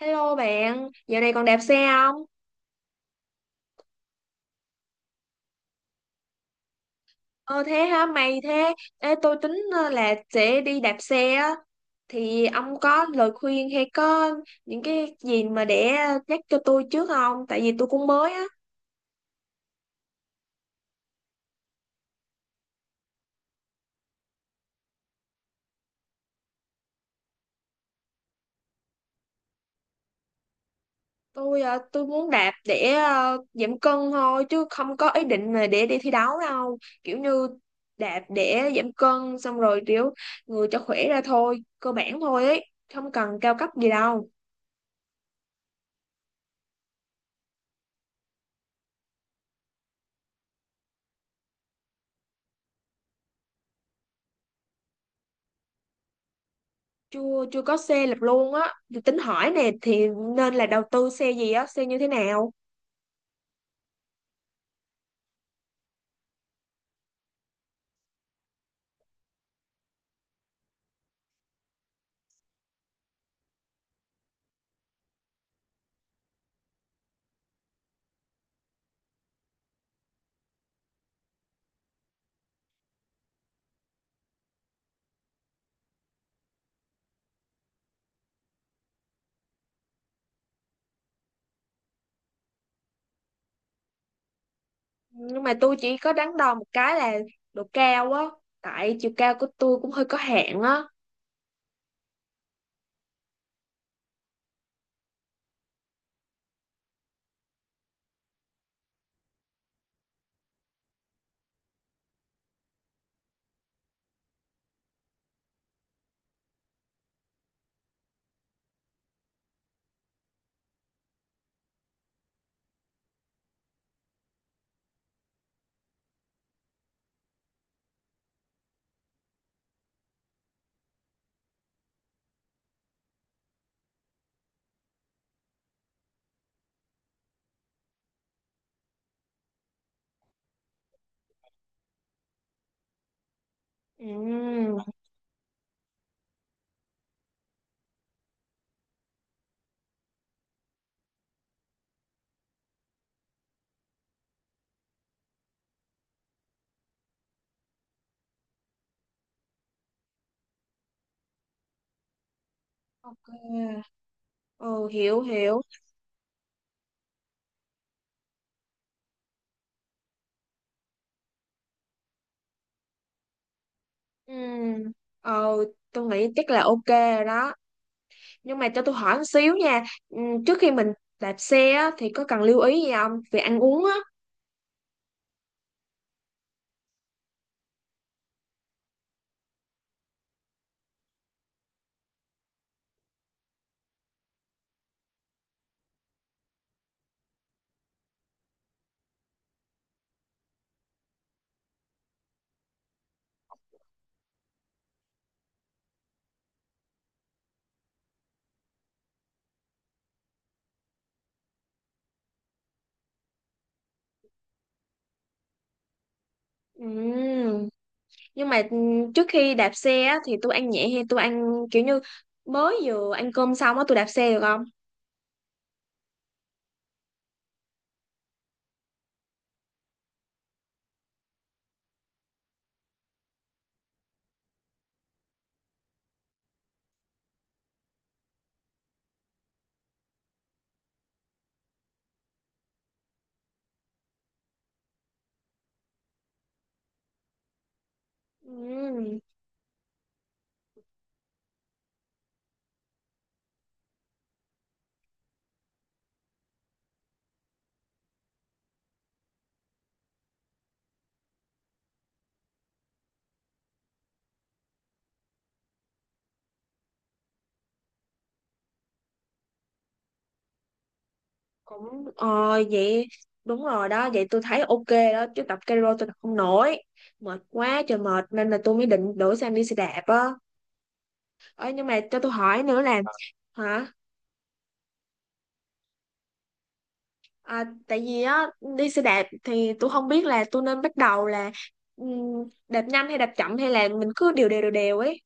Hello bạn, dạo này còn đạp xe không? Ờ thế hả mày thế? Ê, tôi tính là sẽ đi đạp xe á. Thì ông có lời khuyên hay có những cái gì mà để nhắc cho tôi trước không? Tại vì tôi cũng mới á. Tôi muốn đạp để giảm cân thôi chứ không có ý định là để đi thi đấu đâu. Kiểu như đạp để giảm cân xong rồi kiểu người cho khỏe ra thôi, cơ bản thôi ấy, không cần cao cấp gì đâu. Chưa chưa có xe lập luôn á. Thì tính hỏi nè, thì nên là đầu tư xe gì á, xe như thế nào? Nhưng mà tôi chỉ có đắn đo một cái là độ cao á, tại chiều cao của tôi cũng hơi có hạn á. Ừm. Ok. Ừ, hiểu hiểu. Ừm, ờ tôi nghĩ chắc là ok rồi đó, nhưng mà cho tôi hỏi một xíu nha. Trước khi mình đạp xe á thì có cần lưu ý gì không về ăn uống á? Ừm, nhưng mà trước khi đạp xe á, thì tôi ăn nhẹ hay tôi ăn kiểu như mới vừa ăn cơm xong á tôi đạp xe được không? Ừm. Cũng vậy, đúng rồi đó, vậy tôi thấy ok đó chứ tập cardio tôi tập không nổi, mệt quá trời mệt nên là tôi mới định đổi sang đi xe đạp á. Ờ, nhưng mà cho tôi hỏi nữa là hả, tại vì á đi xe đạp thì tôi không biết là tôi nên bắt đầu là đạp nhanh hay đạp chậm hay là mình cứ đều đều đều đều ấy.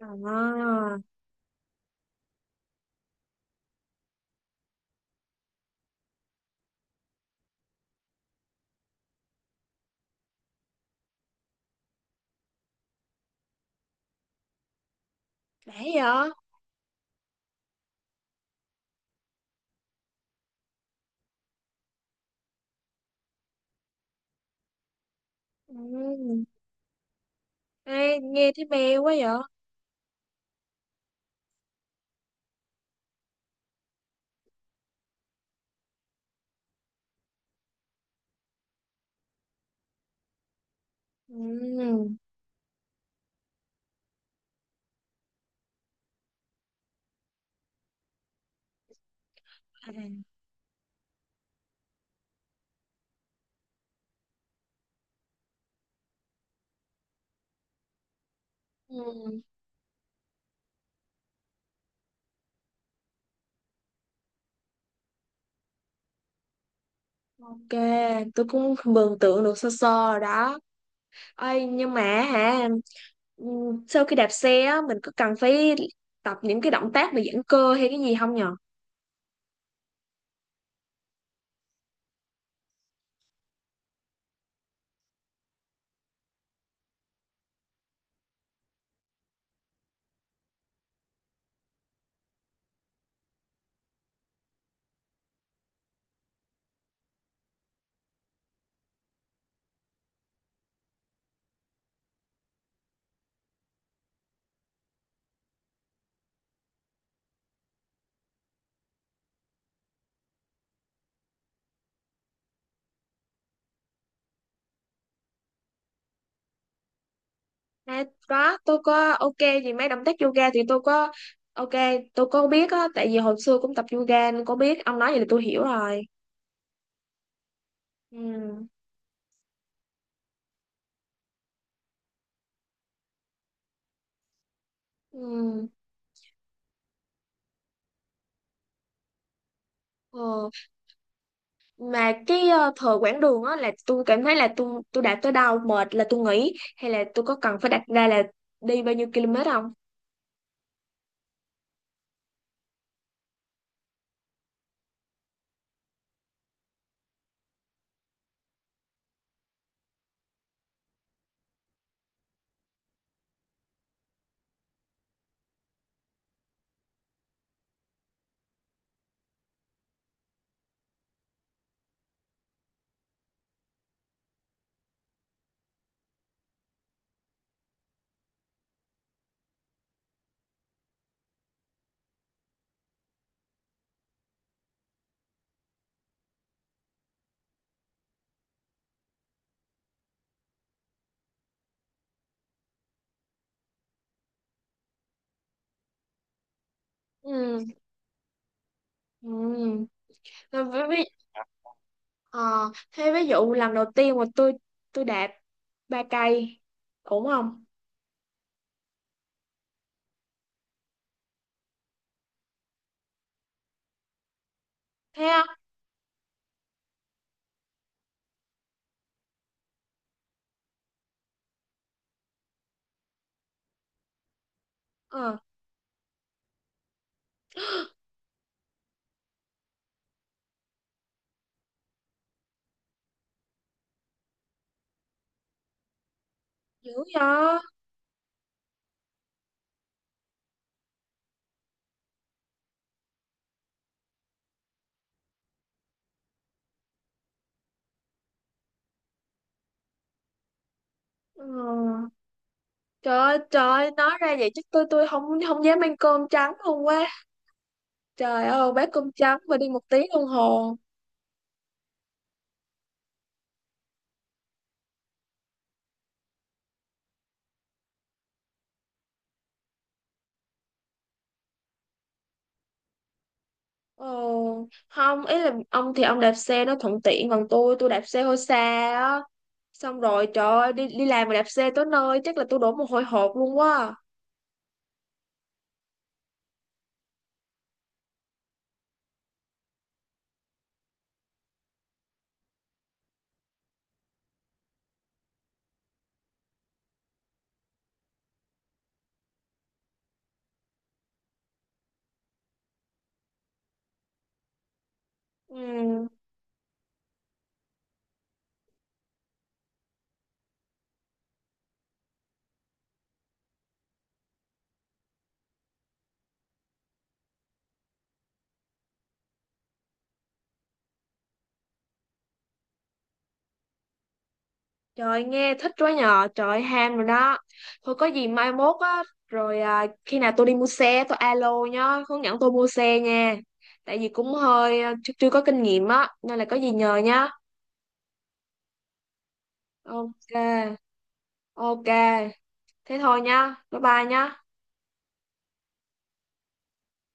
À, để vậy. Ừ. Ê, nghe thấy mê quá vậy. Ừ. À. Ừ. Ok, tôi cũng mường tượng được sơ sơ rồi đó. Ê, nhưng mà hả, ừ, sau khi đạp xe á, mình có cần phải tập những cái động tác mà giãn cơ hay cái gì không nhờ? À, có, tôi có ok gì mấy động tác yoga thì tôi có. Ok, tôi có biết á, tại vì hồi xưa cũng tập yoga nên có biết, ông nói vậy là tôi hiểu rồi. Ừ. Ừ. Ờ. Mà cái thời quãng đường á là tôi cảm thấy là tôi đã tới đâu mệt là tôi nghỉ hay là tôi có cần phải đặt ra là đi bao nhiêu km không? Ừ. Ừ. Thế ví, ví, ờ, thế ví dụ lần đầu tiên mà tôi đạp 3 cây ổn không? Thế á? Ờ. Dữ vậy? Ờ. Trời ơi trời ơi, nói ra vậy chứ tôi không không dám ăn cơm trắng luôn quá. Trời ơi, bát cơm trắng mà đi 1 tiếng đồng hồ. Ờ, không, ý là ông thì ông đạp xe nó thuận tiện còn tôi đạp xe hơi xa á, xong rồi trời ơi đi đi làm mà đạp xe tới nơi chắc là tôi đổ mồ hôi hột luôn quá. Ừ. Trời nghe thích quá nhờ, trời ham rồi đó. Thôi có gì mai mốt á, rồi à, khi nào tôi đi mua xe tôi alo nhá, hướng dẫn tôi mua xe nha. Tại vì cũng hơi chưa có kinh nghiệm á nên là có gì nhờ nhá. Ok. Ok. Thế thôi nhá, bye bye nhá.